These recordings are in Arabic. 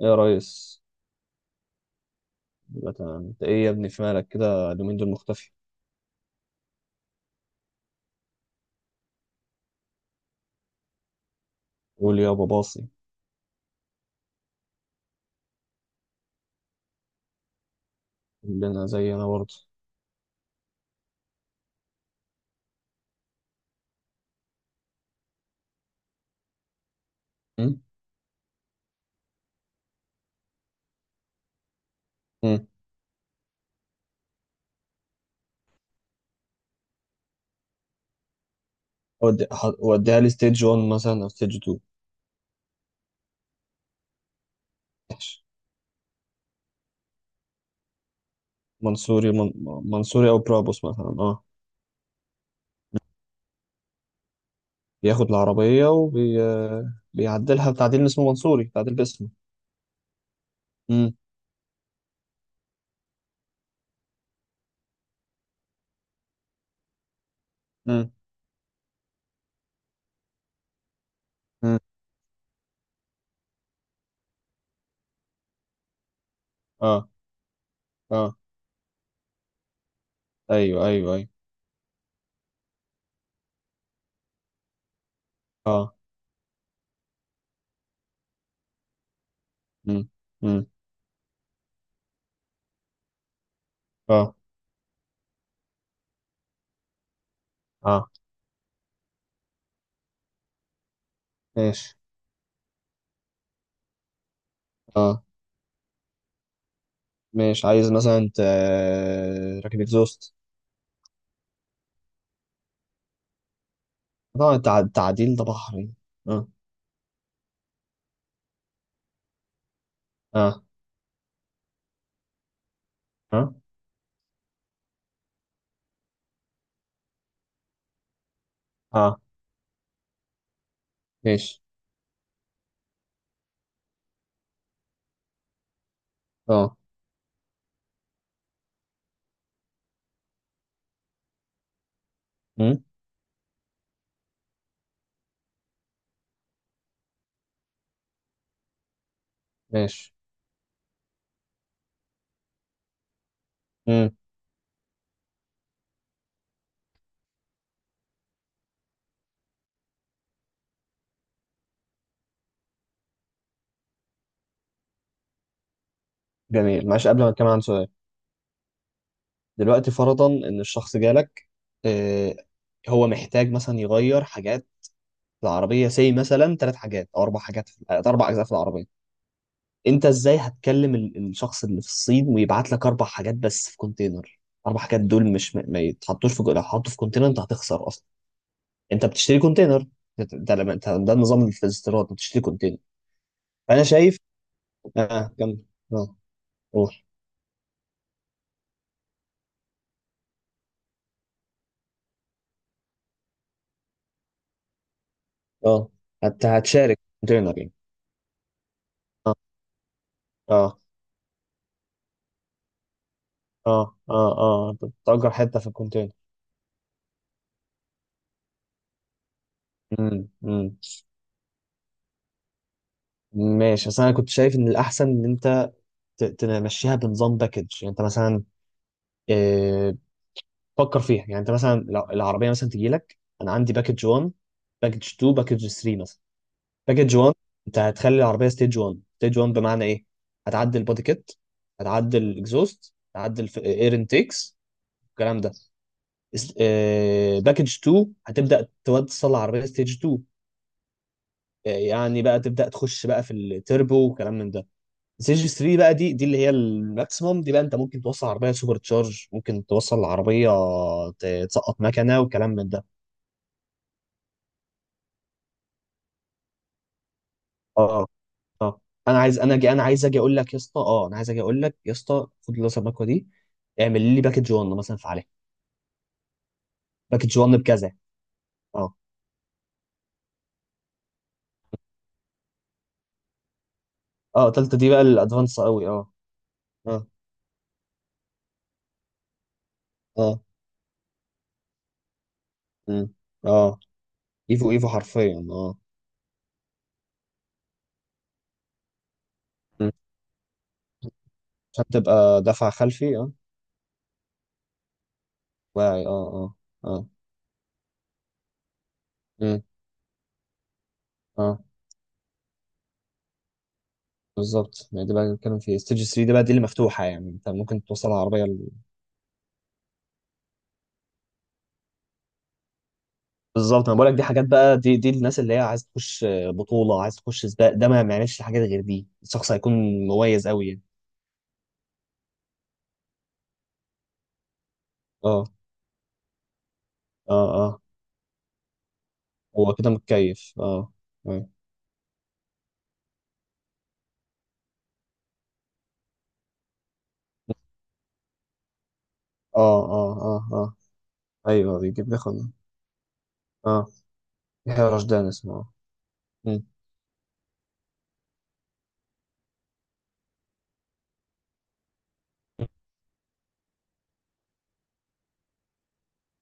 ايه يا ريس، يبقى تمام. انت ايه يا ابني؟ في مالك كده اليومين دول مختفي. قول يا ابو باصي. اللي انا زي انا برضه. أمم؟ أمم. وديها لي ستيج 1 مثلا او ستيج 2. ماشي. منصوري من... منصوري او برابوس مثلا، اه. بياخد العربية بيعدلها بتعديل اسمه منصوري، تعديل باسمه. أمم. أمم. أمم. اه اه، ايوه ايوه ايوه. اه. أمم. أمم. اه اه، ماشي. اه، ماشي. عايز مثلا انت راكب اكزوست. طبعا التعديل ده بحر يعني. اه اه اه اه، ماشي. اه. امم. ماشي. امم. جميل. معلش، قبل ما اتكلم عن سؤال: دلوقتي فرضا ان الشخص جالك، آه، هو محتاج مثلا يغير حاجات في العربيه، سي مثلا ثلاث حاجات او اربع حاجات في اربع اجزاء في العربيه. انت ازاي هتكلم الشخص اللي في الصين ويبعت لك اربع حاجات بس في كونتينر؟ اربع حاجات دول مش ما يتحطوش في، لو حطوا في كونتينر انت هتخسر اصلا. انت بتشتري كونتينر. ده النظام اللي في الاستيراد، بتشتري كونتينر. انا شايف. اه، كمل. اه، قول. اه. هتشارك كونتينر يعني. اه اه اه اه اه، تأجر حته في الكونتينر. امم. امم. ماشي، بس انا كنت شايف ان الاحسن ان انت تمشيها بنظام باكج. يعني انت مثلا، آه، فكر فيها. يعني انت مثلا لو العربيه مثلا تجي لك، انا عندي باكج 1، باكج 2، باكج 3 مثلا. باكج 1 انت هتخلي العربيه ستيج 1. ستيج 1 بمعنى ايه؟ هتعدل البودي كيت، هتعدل الاكزوست، هتعدل اير انتيكس، الكلام ده. باكج 2 هتبدا توصل العربيه ستيج 2. آه، يعني بقى تبدا تخش بقى في التربو وكلام من ده. ستيج 3 بقى، دي اللي هي الماكسيموم دي بقى، انت ممكن توصل عربيه سوبر تشارج، ممكن توصل العربيه تسقط مكنه وكلام من ده. اه. اه. انا عايز، انا جي انا عايز اجي اقول لك يا اسطى اه انا عايز اجي اقول لك يا اسطى: خد اللي المكوه دي، اعمل لي باكج 1 مثلا، في عليها باكج 1 بكذا. اه اه، تالتة دي بقى الادفانس قوي، اه. اه اه. مم. اه، ايفو ايفو حرفيا، اه. مم. عشان تبقى دفع خلفي، اه. واعي، اه اه اه. مم. اه، بالظبط. ما دي بقى بنتكلم في ستيج 3. دي بقى اللي مفتوحه، يعني انت ممكن توصل العربيه ل... بالظبط، انا بقول لك دي حاجات بقى. دي الناس اللي هي عايز تخش بطوله، عايز تخش سباق، ده ما معناش حاجات غير دي، الشخص هيكون مميز قوي يعني. اه اه اه، هو كده متكيف، اه. اه اه اه اه اه. ايوه بيجيب، بياخد، اه. يحيى رشدان اسمه، اه. مم.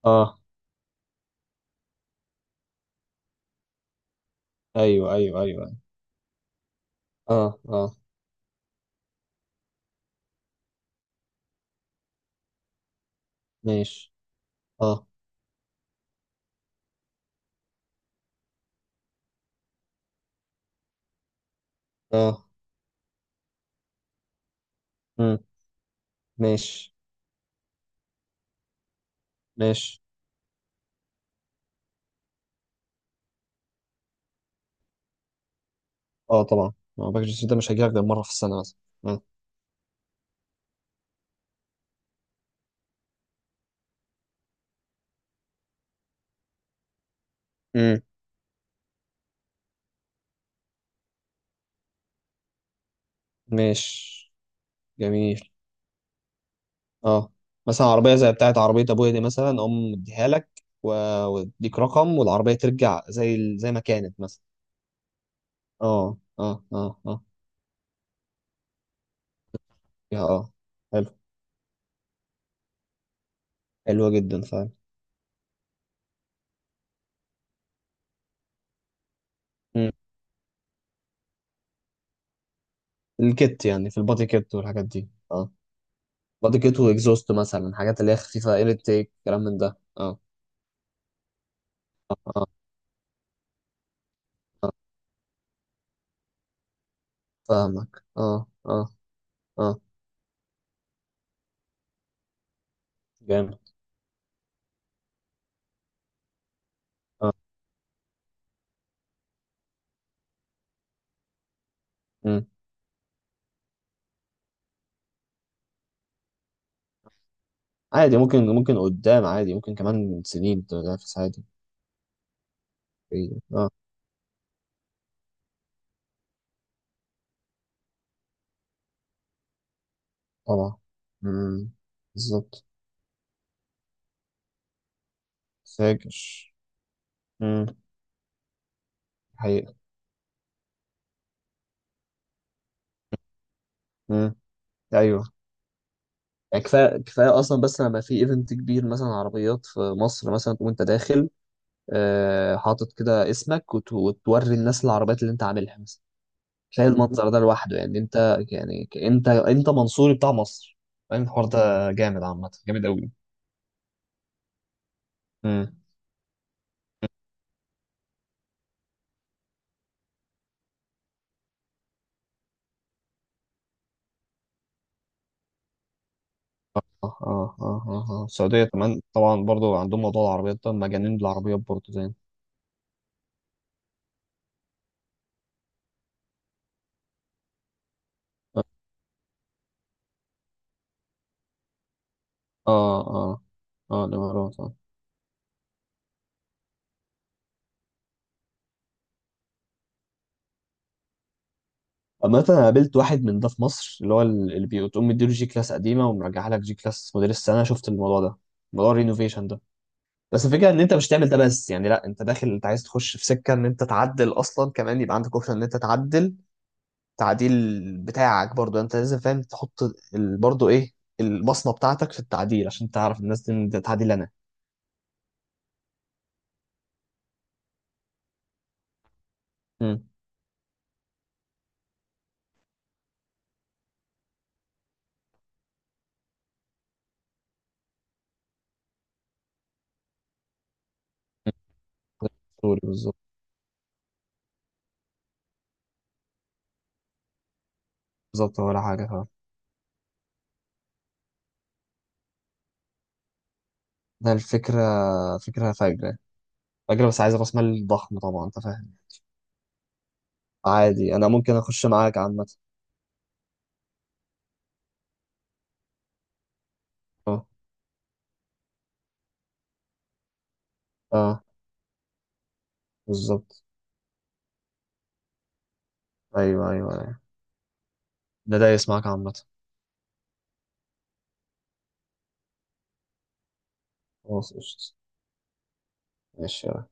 اه، ايوه ايوه ايوه، أيوة. اه اه، ماشي. اه اه. امم. ماشي. ماشي. اه طبعا، ما باكج الصيف ده مش هيجيلك غير مره في السنه مثلا. آه. امم. ماشي. جميل. اه، مثلا عربيه زي بتاعت عربيه ابويا دي مثلا اقوم مديها لك و- واديك رقم، والعربيه ترجع زي زي ما كانت مثلا. اه اه اه اه. يا اه، حلو. حلوه جدا فعلا. امم. الكت يعني، في البادي كت والحاجات دي، اه. بادي كت واكزوست مثلا، حاجات اللي هي خفيفه، اير تيك، الكلام من ده، اه. اه اه، آه. فاهمك، اه اه. اه. جامد، اه. مم. عادي، ممكن، ممكن قدام عادي، ممكن كمان سنين تنافس عادي. إيه. اه. طبعا. مم. بالظبط. فاكر. مم. حقيقة. مم. ايوه. يعني كفايه كفايه اصلا، بس لما في ايفنت كبير مثلا، عربيات في مصر مثلا، تقوم انت داخل، آه، حاطط كده اسمك وتوري الناس العربيات اللي انت عاملها مثلا. كفايه المنظر ده لوحده، يعني انت يعني، انت منصوري بتاع مصر. يعني الحوار ده جامد عامه، جامد قوي. اه اه اه اه، السعودية كمان طبعا، برضو عندهم موضوع العربيات ده، مجانين بالعربيات برضو زي. اه اه اه، الامارات، اه. اما انا قابلت واحد من ده في مصر، اللي هو اللي بتقوم مديله جي كلاس قديمه ومرجعها لك جي كلاس موديل السنه، شفت الموضوع ده، موضوع الرينوفيشن ده. بس الفكره ان انت مش تعمل ده بس، يعني لا انت داخل، انت عايز تخش في سكه ان انت تعدل اصلا، كمان يبقى عندك اوبشن ان انت تعدل تعديل بتاعك برضو. يعني انت لازم فاهم تحط برضو ايه، البصمه بتاعتك في التعديل، عشان تعرف الناس دي إن ده تعديل انا. مم. سوري، بالظبط. بالظبط، ولا حاجة، فاهم. ده الفكرة، فكرة فجرة. فجرة، بس عايز راس مال ضخم طبعا، انت فاهم. عادي، انا ممكن اخش معاك عامة. اه اه، بالظبط. ايوه ايوه ايوه. ده دايس معاك عامة. خلاص قشطة. ماشي.